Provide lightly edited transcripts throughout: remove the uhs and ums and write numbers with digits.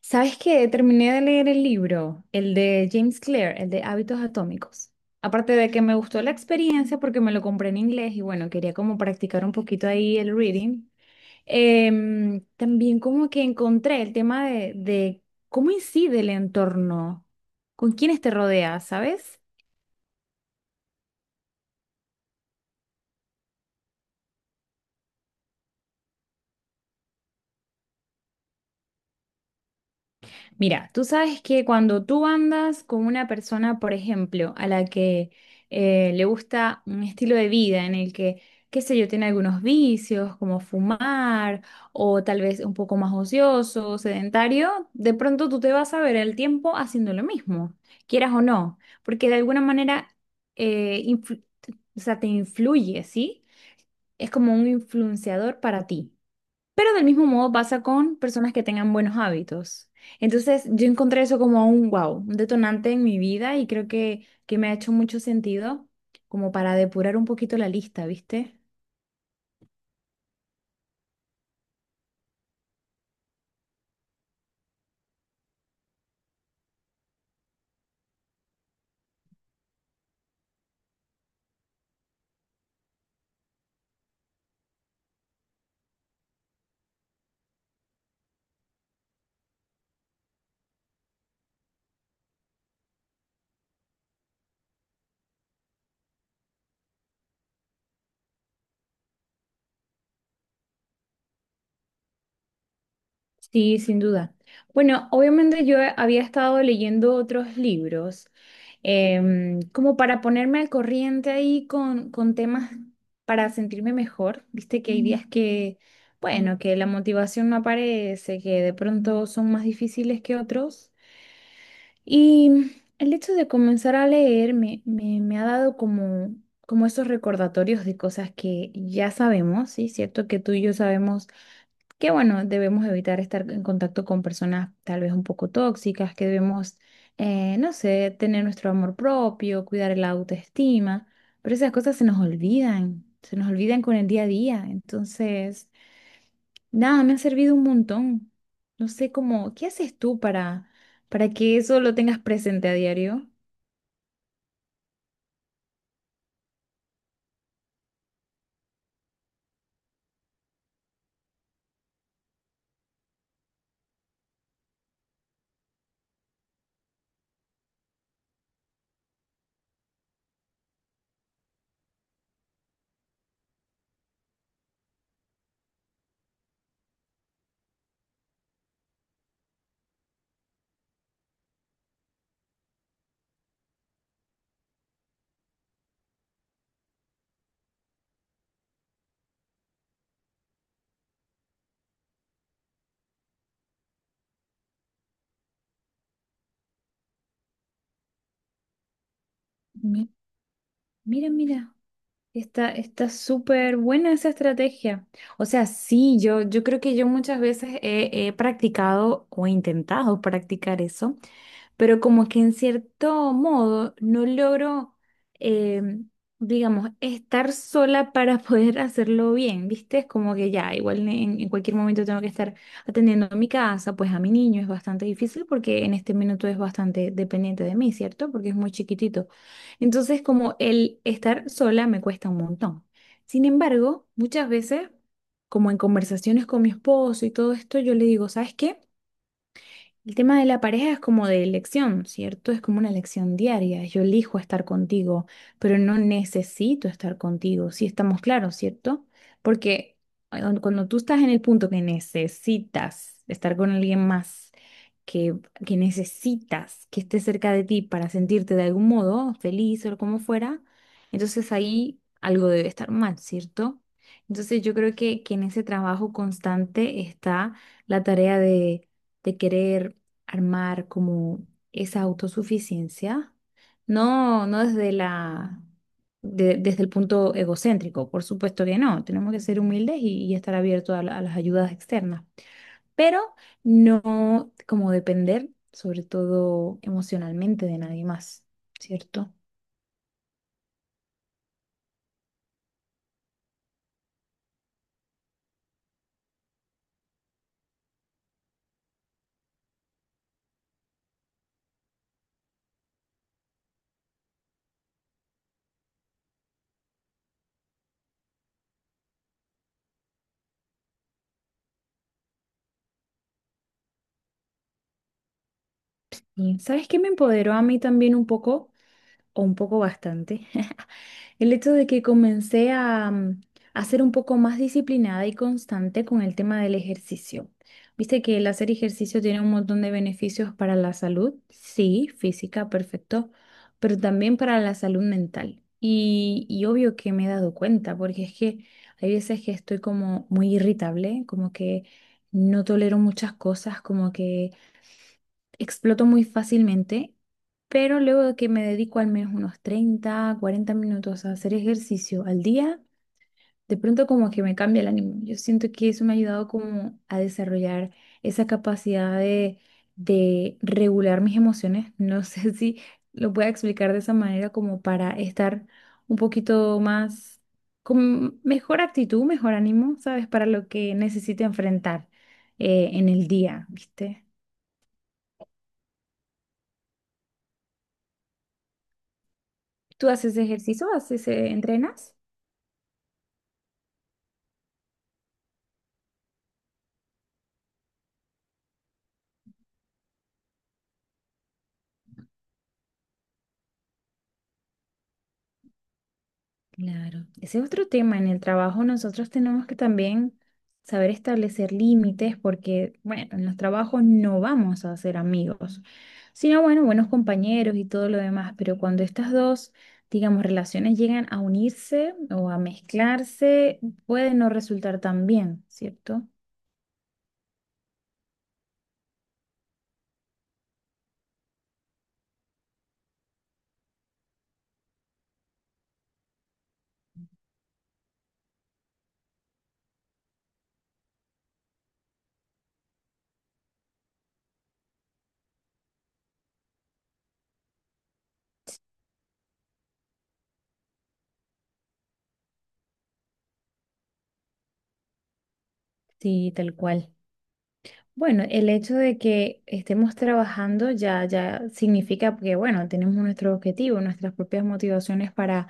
¿Sabes qué? Terminé de leer el libro, el de James Clear, el de Hábitos Atómicos. Aparte de que me gustó la experiencia porque me lo compré en inglés y bueno, quería como practicar un poquito ahí el reading. También como que encontré el tema de cómo incide el entorno, con quiénes te rodeas, ¿sabes? Mira, tú sabes que cuando tú andas con una persona, por ejemplo, a la que le gusta un estilo de vida en el que, qué sé yo, tiene algunos vicios como fumar o tal vez un poco más ocioso, sedentario, de pronto tú te vas a ver el tiempo haciendo lo mismo, quieras o no, porque de alguna manera eh, influ- o sea, te influye, ¿sí? Es como un influenciador para ti. Pero del mismo modo pasa con personas que tengan buenos hábitos. Entonces, yo encontré eso como un wow, un detonante en mi vida y creo que me ha hecho mucho sentido como para depurar un poquito la lista, ¿viste? Sí, sin duda. Bueno, obviamente yo había estado leyendo otros libros, como para ponerme al corriente ahí con temas para sentirme mejor. Viste que hay días que, bueno, que la motivación no aparece, que de pronto son más difíciles que otros. Y el hecho de comenzar a leer me ha dado como, como esos recordatorios de cosas que ya sabemos, ¿sí? Cierto que tú y yo sabemos que bueno, debemos evitar estar en contacto con personas tal vez un poco tóxicas, que debemos, no sé, tener nuestro amor propio, cuidar la autoestima, pero esas cosas se nos olvidan con el día a día. Entonces, nada, me ha servido un montón. No sé cómo, ¿qué haces tú para que eso lo tengas presente a diario? Mi- Mira, mira. Está, está súper buena esa estrategia. O sea, sí, yo creo que yo muchas veces he practicado o he intentado practicar eso, pero como que en cierto modo no logro, eh, digamos, estar sola para poder hacerlo bien, ¿viste? Es como que ya, igual en cualquier momento tengo que estar atendiendo a mi casa, pues a mi niño es bastante difícil porque en este minuto es bastante dependiente de mí, ¿cierto? Porque es muy chiquitito. Entonces, como el estar sola me cuesta un montón. Sin embargo, muchas veces, como en conversaciones con mi esposo y todo esto, yo le digo, ¿sabes qué? El tema de la pareja es como de elección, ¿cierto? Es como una elección diaria. Yo elijo estar contigo, pero no necesito estar contigo. Si estamos claros, ¿cierto? Porque cuando tú estás en el punto que necesitas estar con alguien más, que, que necesitas que esté cerca de ti para sentirte de algún modo feliz o como fuera, entonces ahí algo debe estar mal, ¿cierto? Entonces yo creo que en ese trabajo constante está la tarea de querer armar como esa autosuficiencia, no, no desde desde el punto egocéntrico, por supuesto que no, tenemos que ser humildes y estar abiertos a las ayudas externas, pero no como depender, sobre todo emocionalmente, de nadie más, ¿cierto? Y ¿sabes qué me empoderó a mí también un poco? O un poco bastante, el hecho de que comencé a ser un poco más disciplinada y constante con el tema del ejercicio. Viste que el hacer ejercicio tiene un montón de beneficios para la salud, sí, física, perfecto, pero también para la salud mental. Y obvio que me he dado cuenta, porque es que hay veces que estoy como muy irritable, como que no tolero muchas cosas, como que exploto muy fácilmente, pero luego de que me dedico al menos unos 30, 40 minutos a hacer ejercicio al día, de pronto como que me cambia el ánimo. Yo siento que eso me ha ayudado como a desarrollar esa capacidad de, regular mis emociones. No sé si lo pueda explicar de esa manera como para estar un poquito más con mejor actitud, mejor ánimo, ¿sabes? Para lo que necesite enfrentar en el día, ¿viste? ¿Tú haces ejercicio? ¿Haces, entrenas? Claro. Ese es otro tema. En el trabajo nosotros tenemos que también saber establecer límites porque, bueno, en los trabajos no vamos a ser amigos, sino, bueno, buenos compañeros y todo lo demás. Pero cuando estas dos, digamos, relaciones llegan a unirse o a mezclarse, puede no resultar tan bien, ¿cierto? Sí, tal cual. Bueno, el hecho de que estemos trabajando ya, ya significa que, bueno, tenemos nuestro objetivo, nuestras propias motivaciones para,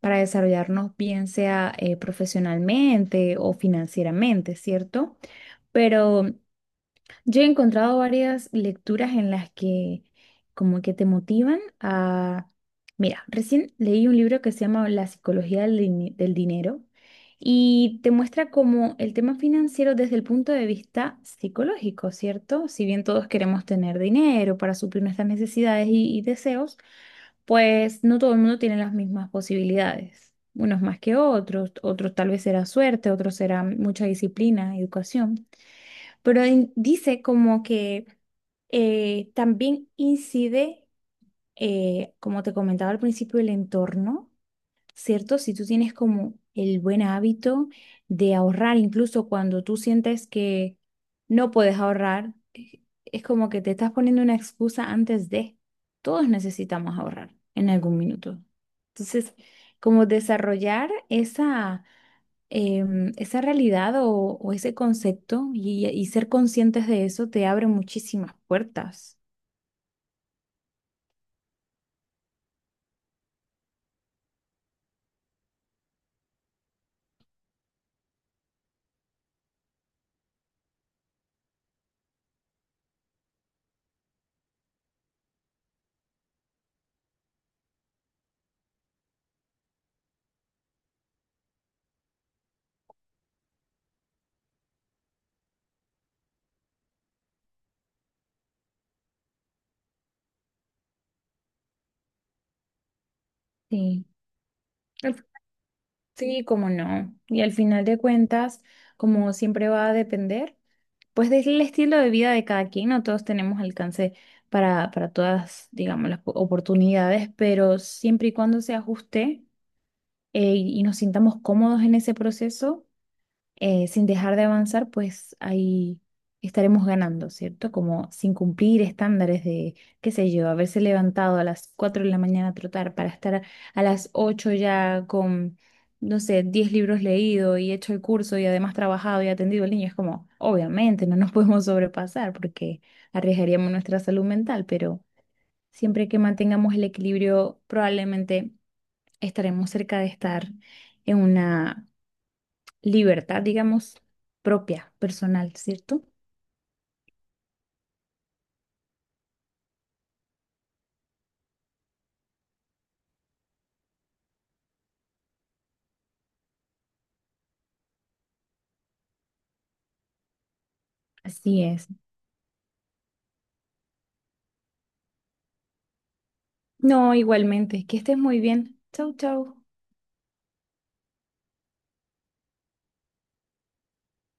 para desarrollarnos, bien sea profesionalmente o financieramente, ¿cierto? Pero yo he encontrado varias lecturas en las que como que te motivan a... Mira, recién leí un libro que se llama La psicología del dinero y te muestra como el tema financiero desde el punto de vista psicológico, ¿cierto? Si bien todos queremos tener dinero para suplir nuestras necesidades y deseos, pues no todo el mundo tiene las mismas posibilidades. Unos más que otros, otros tal vez será suerte, otros será mucha disciplina, educación, pero dice como que también incide, como te comentaba al principio, el entorno, ¿cierto? Si tú tienes como el buen hábito de ahorrar, incluso cuando tú sientes que no puedes ahorrar, es como que te estás poniendo una excusa antes de. Todos necesitamos ahorrar en algún minuto. Entonces, como desarrollar esa esa realidad o, ese concepto y ser conscientes de eso te abre muchísimas puertas. Sí, Al- sí, como no. Y al final de cuentas, como siempre va a depender, pues del estilo de vida de cada quien, no todos tenemos alcance para todas, digamos, las oportunidades, pero siempre y cuando se ajuste y nos sintamos cómodos en ese proceso sin dejar de avanzar, pues ahí estaremos ganando, ¿cierto? Como sin cumplir estándares de, qué sé yo, haberse levantado a las 4 de la mañana a trotar para estar a las 8 ya con, no sé, 10 libros leídos y hecho el curso y además trabajado y atendido al niño. Es como, obviamente, no nos podemos sobrepasar porque arriesgaríamos nuestra salud mental, pero siempre que mantengamos el equilibrio, probablemente estaremos cerca de estar en una libertad, digamos, propia, personal, ¿cierto? Así es. No, igualmente, que estés muy bien. Chau, chau.